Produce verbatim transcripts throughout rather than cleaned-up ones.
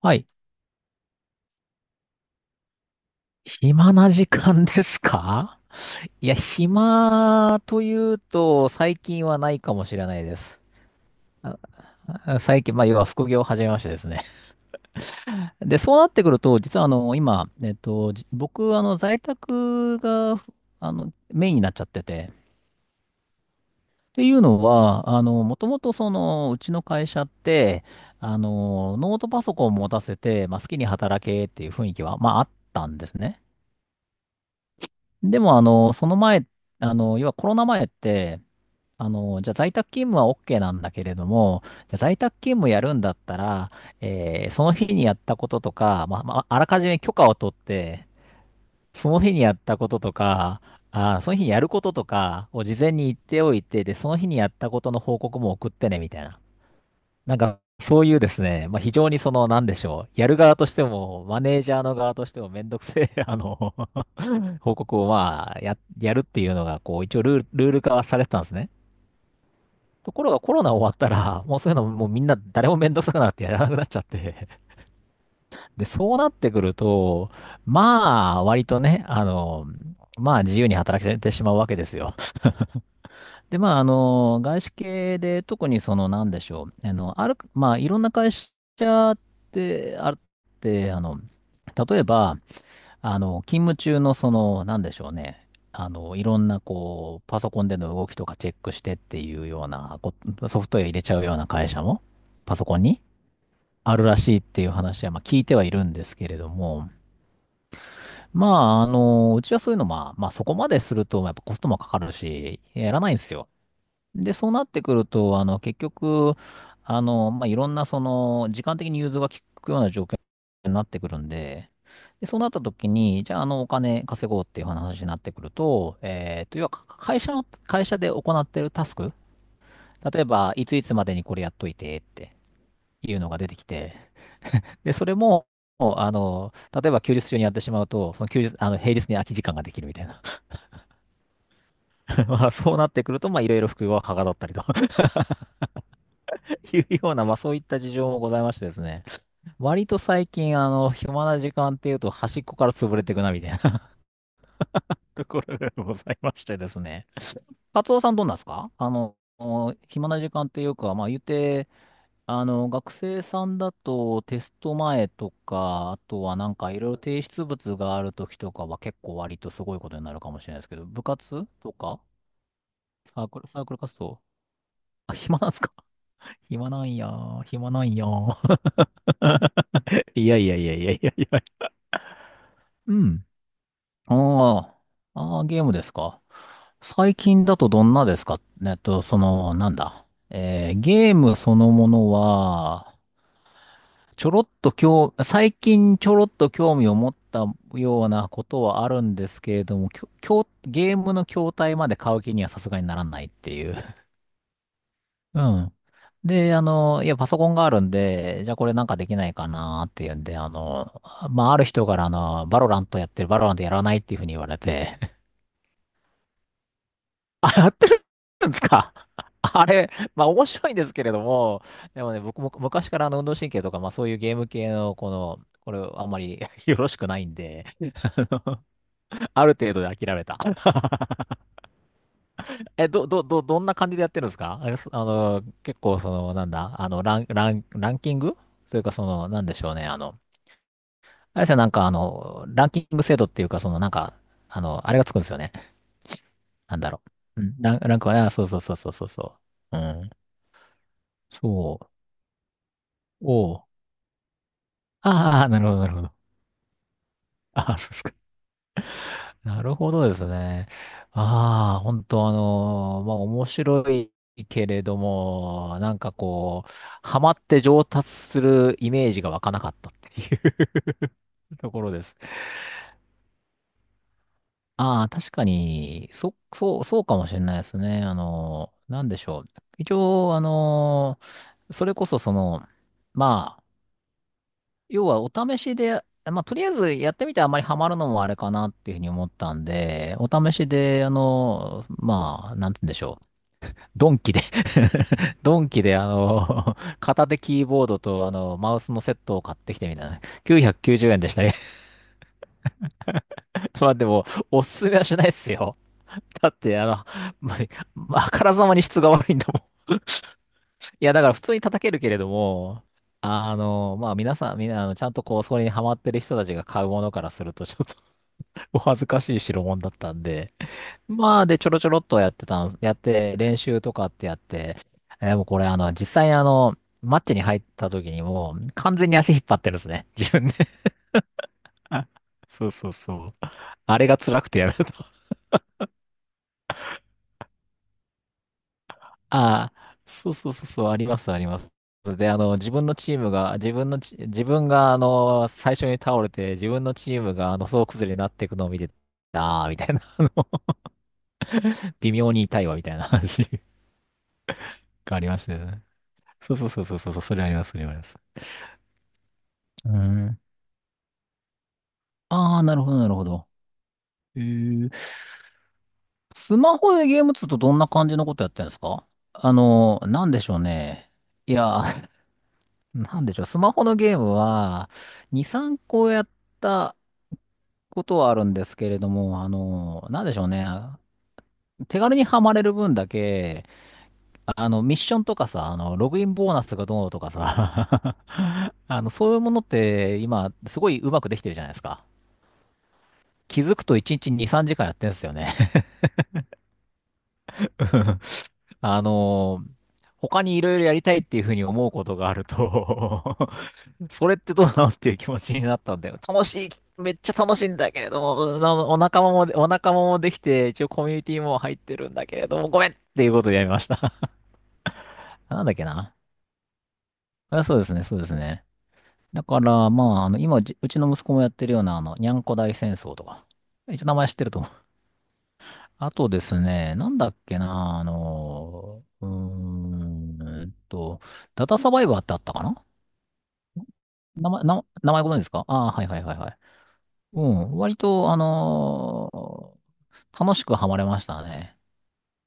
はい。暇な時間ですか？いや、暇というと、最近はないかもしれないです。あ最近、まあ、要は副業を始めましてですね。で、そうなってくると、実はあの、今、えっと、じ僕、あの、在宅が、あの、メインになっちゃってて。っていうのは、あの、もともとその、うちの会社って、あの、ノートパソコンを持たせて、まあ、好きに働けっていう雰囲気は、まあ、あったんですね。でも、あの、その前、あの、要はコロナ前って、あの、じゃあ在宅勤務は オーケー なんだけれども、じゃあ在宅勤務やるんだったら、えーその日にやったこととか、まあ、まあ、あらかじめ許可を取って、その日にやったこととか、あー、その日にやることとかを事前に言っておいて、で、その日にやったことの報告も送ってね、みたいな。なんか、そういうですね、まあ、非常にその、なんでしょう、やる側としても、マネージャーの側としてもめんどくせえ、あの報告をまあ、や、やるっていうのが、こう、一応ルール、ルール化はされてたんですね。ところがコロナ終わったら、もうそういうのもうみんな誰もめんどくさくなってやらなくなっちゃって。で、そうなってくると、まあ、割とね、あの、まあ自由に働けてしまうわけですよ。で、まあ、あの、外資系で特にその、なんでしょう。あの、ある、まあ、いろんな会社ってあって、あの、例えば、あの、勤務中のその、なんでしょうね。あの、いろんなこう、パソコンでの動きとかチェックしてっていうようなこ、ソフトウェア入れちゃうような会社も、パソコンにあるらしいっていう話は、まあ聞いてはいるんですけれども、まあ、あの、うちはそういうの、まあ、まあそこまですると、やっぱコストもかかるし、やらないんですよ。で、そうなってくると、あの、結局、あの、まあ、いろんな、その、時間的に融通が利くような状況になってくるんで、で、そうなった時に、じゃあ、あの、お金稼ごうっていう話になってくると、えっと、要は、会社の、会社で行ってるタスク、例えば、いついつまでにこれやっといてっていうのが出てきて、で、それも、あの、例えば休日中にやってしまうと、その休日、あの、平日に空き時間ができるみたいな。まあ、そうなってくると、まあ、いろいろ副業がはかどったりと いうような、まあ、そういった事情もございましてですね。割と最近、あの、暇な時間っていうと、端っこから潰れていくな、みたいな ところがございましてですね。カツオさんどうなんですか？あの、暇な時間っていうか、まあ言って、あの、学生さんだとテスト前とか、あとはなんかいろいろ提出物がある時とかは結構割とすごいことになるかもしれないですけど、部活とかサークル、サークル活動。あ、暇なんですか？ 暇なんやー、暇なんやー。いやいやいやいやいやいや。うん。ああ、ああ、ゲームですか。最近だとどんなですか？えっと、その、なんだ。えーゲームそのものは、ちょろっと興、最近ちょろっと興味を持ったようなことはあるんですけれども、きょ、きょうゲームの筐体まで買う気にはさすがにならないっていう。うん。で、あの、いや、パソコンがあるんで、じゃあこれなんかできないかなっていうんで、あの、まあ、ある人から、あの、バロラントやってる、バロラントやらないっていうふうに言われて、あ、やってるんですか？ あれ、まあ面白いんですけれども、でもね、僕も昔からあの運動神経とか、まあそういうゲーム系の、この、これあんまり よろしくないんで、ある程度で諦めた。え、ど、ど、ど、どんな感じでやってるんですか？えそあの、結構その、なんだ、あの、ラン、ラン、ランキング。それかその、なんでしょうね、あの、あれですよ、なんかあの、ランキング制度っていうか、その、なんか、あの、あれがつくんですよね。なんだろう。うん、ラン、ランクはね、あそうそうそうそうそうそう。うん。そう。おう。ああ、なるほど、なるほど。ああ、そうですか。なるほどですね。ああ、本当あのーまあ、面白いけれども、なんかこう、ハマって上達するイメージが湧かなかったっていう ところです。ああ、確かに、そ、そう、そうかもしれないですね。あのーなんでしょう。一応、あのーそれこそその、まあ、要はお試しで、まあ、とりあえずやってみてあんまりハマるのもあれかなっていうふうに思ったんで、お試しで、あの、まあ、なんて言うんでしょう。ドンキで ドンキで、あの、片手キーボードと、あの、マウスのセットを買ってきてみたいな。きゅうひゃくきゅうじゅうえんでしたね。まあでも、おすすめはしないっすよ。だって、あの、まあ、あからさまに質が悪いんだもん。いや、だから普通に叩けるけれども、あの、まあ皆さん、みんな、あの、ちゃんとこう、それにハマってる人たちが買うものからすると、ちょっお恥ずかしい代物だったんで、まあ、で、ちょろちょろっとやってたん、やって、練習とかってやって、えー、もうこれ、あの、実際あの、マッチに入った時にもう、完全に足引っ張ってるんですね。自分で。あそうそうそうあれが辛くてやめた。ああ、そうそうそうそう、あります、あります。で、あの、自分のチームが、自分のチ、自分が、あの、最初に倒れて、自分のチームが、あの、総崩れになっていくのを見て、ああ、みたいな、あの、微妙に痛いわ、みたいな話がありましたよね。そうそうそうそうそう、それあります、それあります。うん。ああ、なるほど、なるほど。えー、スマホでゲームっつうとどんな感じのことやってるんですか？あの、なんでしょうね。いや、なんでしょう。スマホのゲームは、に、さんこやったことはあるんですけれども、あの、なんでしょうね。手軽にはまれる分だけ、あの、ミッションとかさ、あの、ログインボーナスがどうとかさ、あの、そういうものって今、すごいうまくできてるじゃないですか。気づくといちにちに、さんじかんやってんすよね。あのー他にいろいろやりたいっていうふうに思うことがあると それってどうなのっていう気持ちになったんだよ。楽しい、めっちゃ楽しいんだけれども、なお仲間も、お仲間もできて、一応コミュニティも入ってるんだけれども、ごめんっていうことでやめました。なんだっけな。あ、そうですね、そうですね。だから、まあ、あの、今、じうちの息子もやってるような、あの、にゃんこ大戦争とか、一応名前知ってると思う。あとですね、なんだっけな、あの、うーんと、ダタサバイバーってあったかな。名前、名前名前ご存知ですか？ああー、はいはいはいはい。うん、割と、あのー楽しくハマれましたね。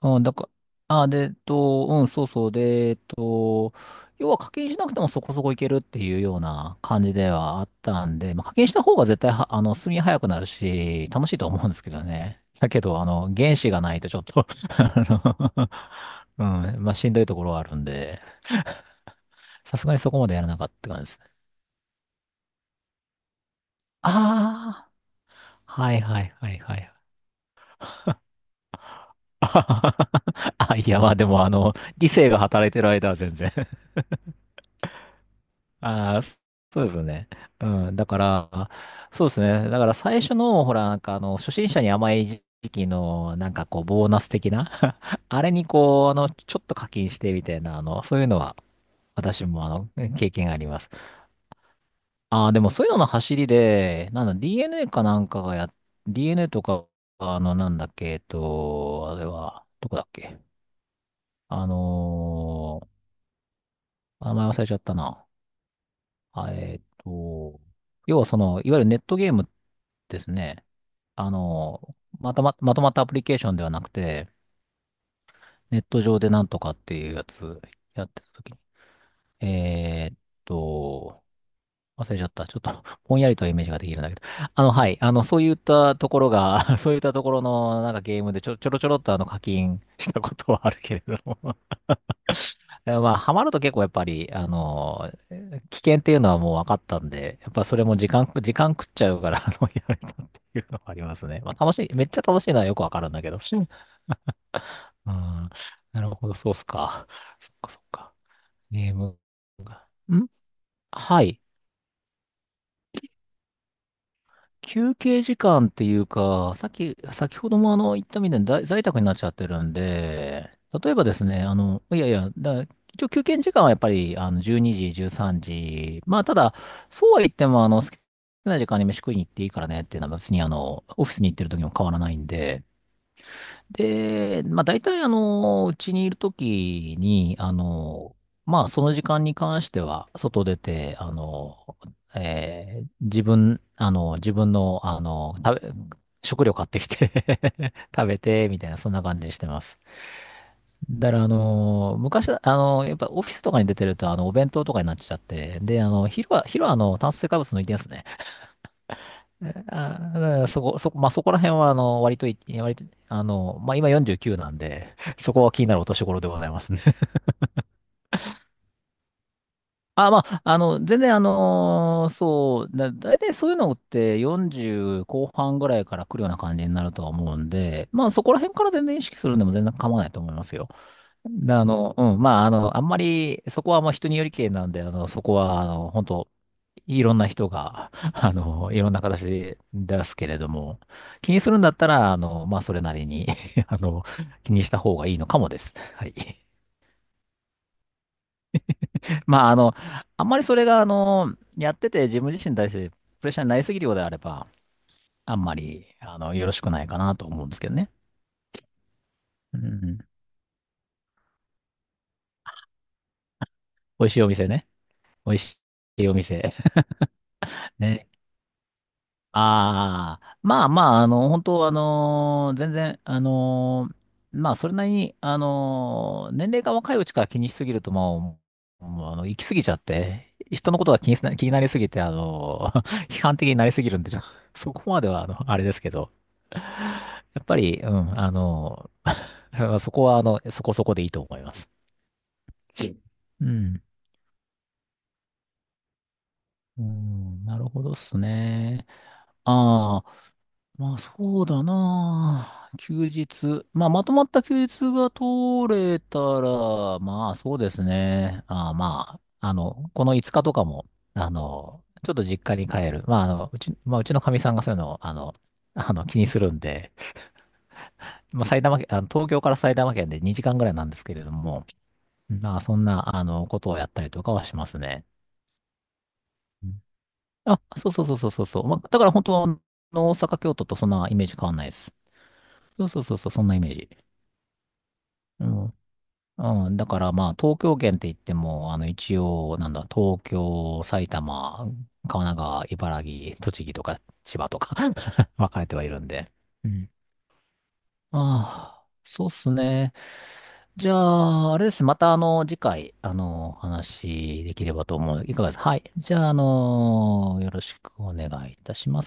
うん、だから、あ、で、えっと、うん、そうそう、で、えっと、要は課金しなくてもそこそこいけるっていうような感じではあったんで、まあ、課金した方が絶対は、あの、進み早くなるし、楽しいとは思うんですけどね。だけど、あの、原資がないとちょっと あの、うん、まあ、しんどいところはあるんで、さすがにそこまでやらなかったって感じですね。ああ、はいはいはいはい。あ、いや、まあでも、あの、理性が働いてる間は全然。ああ、そそうですね。うん。だから、そうですね。だから最初の、ほら、なんかあの、初心者に甘い時期の、なんかこう、ボーナス的な あれにこう、あの、ちょっと課金してみたいな、あの、そういうのは、私もあの、経験があります。ああ、でもそういうのの走りで、なんだ、ディーエヌエー かなんかがや、ディーエヌエー とか、あの、なんだっけ、えっと、あれは、どこだっけ。あのー名前忘れちゃったな。あえっと、要はその、いわゆるネットゲームですね、あの、またま、まとまったアプリケーションではなくて、ネット上でなんとかっていうやつやってた時に、えーっと、忘れちゃった。ちょっと ぼんやりとイメージができるんだけど。あの、はい。あの、そういったところが そういったところの、なんかゲームでちょ、ちょろちょろっとあの課金したことはあるけれども え、まあ、ハマると結構やっぱり、あの、危険っていうのはもう分かったんで、やっぱそれも時間、時間食っちゃうから、あの、やめたっていうのはありますね。まあ楽しい、めっちゃ楽しいのはよくわかるんだけど。うん。なるほど、そうっすか。そっかそっか。ゲーム。んはい。休憩時間っていうか、さっき、先ほどもあの、言ったみたいに在在宅になっちゃってるんで、例えばですね、あの、いやいや、だ、一応休憩時間はやっぱり、あの、じゅうにじ、じゅうさんじ。まあ、ただ、そうは言っても、あの、好きな時間に飯食いに行っていいからねっていうのは別に、あの、オフィスに行ってる時も変わらないんで、で、まあ大体あの、うちにいるときに、あの、まあその時間に関しては、外出て、あの、えー自分、あの、自分の、あの、食べ、食料買ってきて 食べて、みたいな、そんな感じにしてます。だから、あの、昔は、あの、やっぱオフィスとかに出てると、あの、お弁当とかになっちゃって、で、あの、昼は、昼は、あの、炭水化物抜いてですね。ねあー、そこ、そこ、まあ、そこら辺は、あの、割とい、割と、あの、まあ、今よんじゅうきゅうなんで、そこは気になるお年頃でございますね。あ、まあ、あの、全然、あのーそう、だ、大体そういうのってよんじゅう後半ぐらいから来るような感じになるとは思うんで、まあ、そこら辺から全然意識するんでも全然構わないと思いますよ。で、あの、うん、まあ、あの、あんまり、そこはもう人によりけりなんで、あの、そこは、あの、本当いろんな人が、あの、いろんな形で出すけれども、気にするんだったら、あの、まあ、それなりに あの、気にした方がいいのかもです。はい。まあ、あの、あんまりそれが、あの、やってて自分自身に対してプレッシャーになりすぎるようであれば、あんまり、あの、よろしくないかなと思うんですけどね。うん。美味しいお店ね。美味しいお店。ね。ああ、まあまあ、あの、本当あのー全然、あのーまあ、それなりに、あのー年齢が若いうちから気にしすぎると、まあ、もうあの、行き過ぎちゃって、人のことが気にすな、気になりすぎて、あのー 批判的になりすぎるんで、ちょ そこまでは、あの、あれですけど、やっぱり、うん、あのー そこは、あの、そこそこでいいと思います。うん。うん、なるほどっすね。ああ。まあそうだなあ。休日。まあまとまった休日が取れたら、まあそうですね。ああ、まあ、あの、このいつかとかも、あの、ちょっと実家に帰る。まああの、うち、まあうちのかみさんがそういうのを、あの、あの気にするんで、まあ埼玉県、あの、東京から埼玉県でにじかんぐらいなんですけれども、まあそんな、あの、ことをやったりとかはしますね。うん、あ、そうそうそうそうそうそう。まあだから本当は、あの大阪、京都とそんなイメージ変わんないです。そうそうそうそう、そんなイメージ。うん。うん。だからまあ、東京圏って言っても、あの、一応、なんだ、東京、埼玉、神奈川、茨城、栃木とか、千葉とか 分かれてはいるんで。うん。ああ、そうっすね。じゃあ、あれですね。また、あの、次回、あの、お話しできればと思う。いかがですか？はい。じゃあ、あの、よろしくお願いいたします。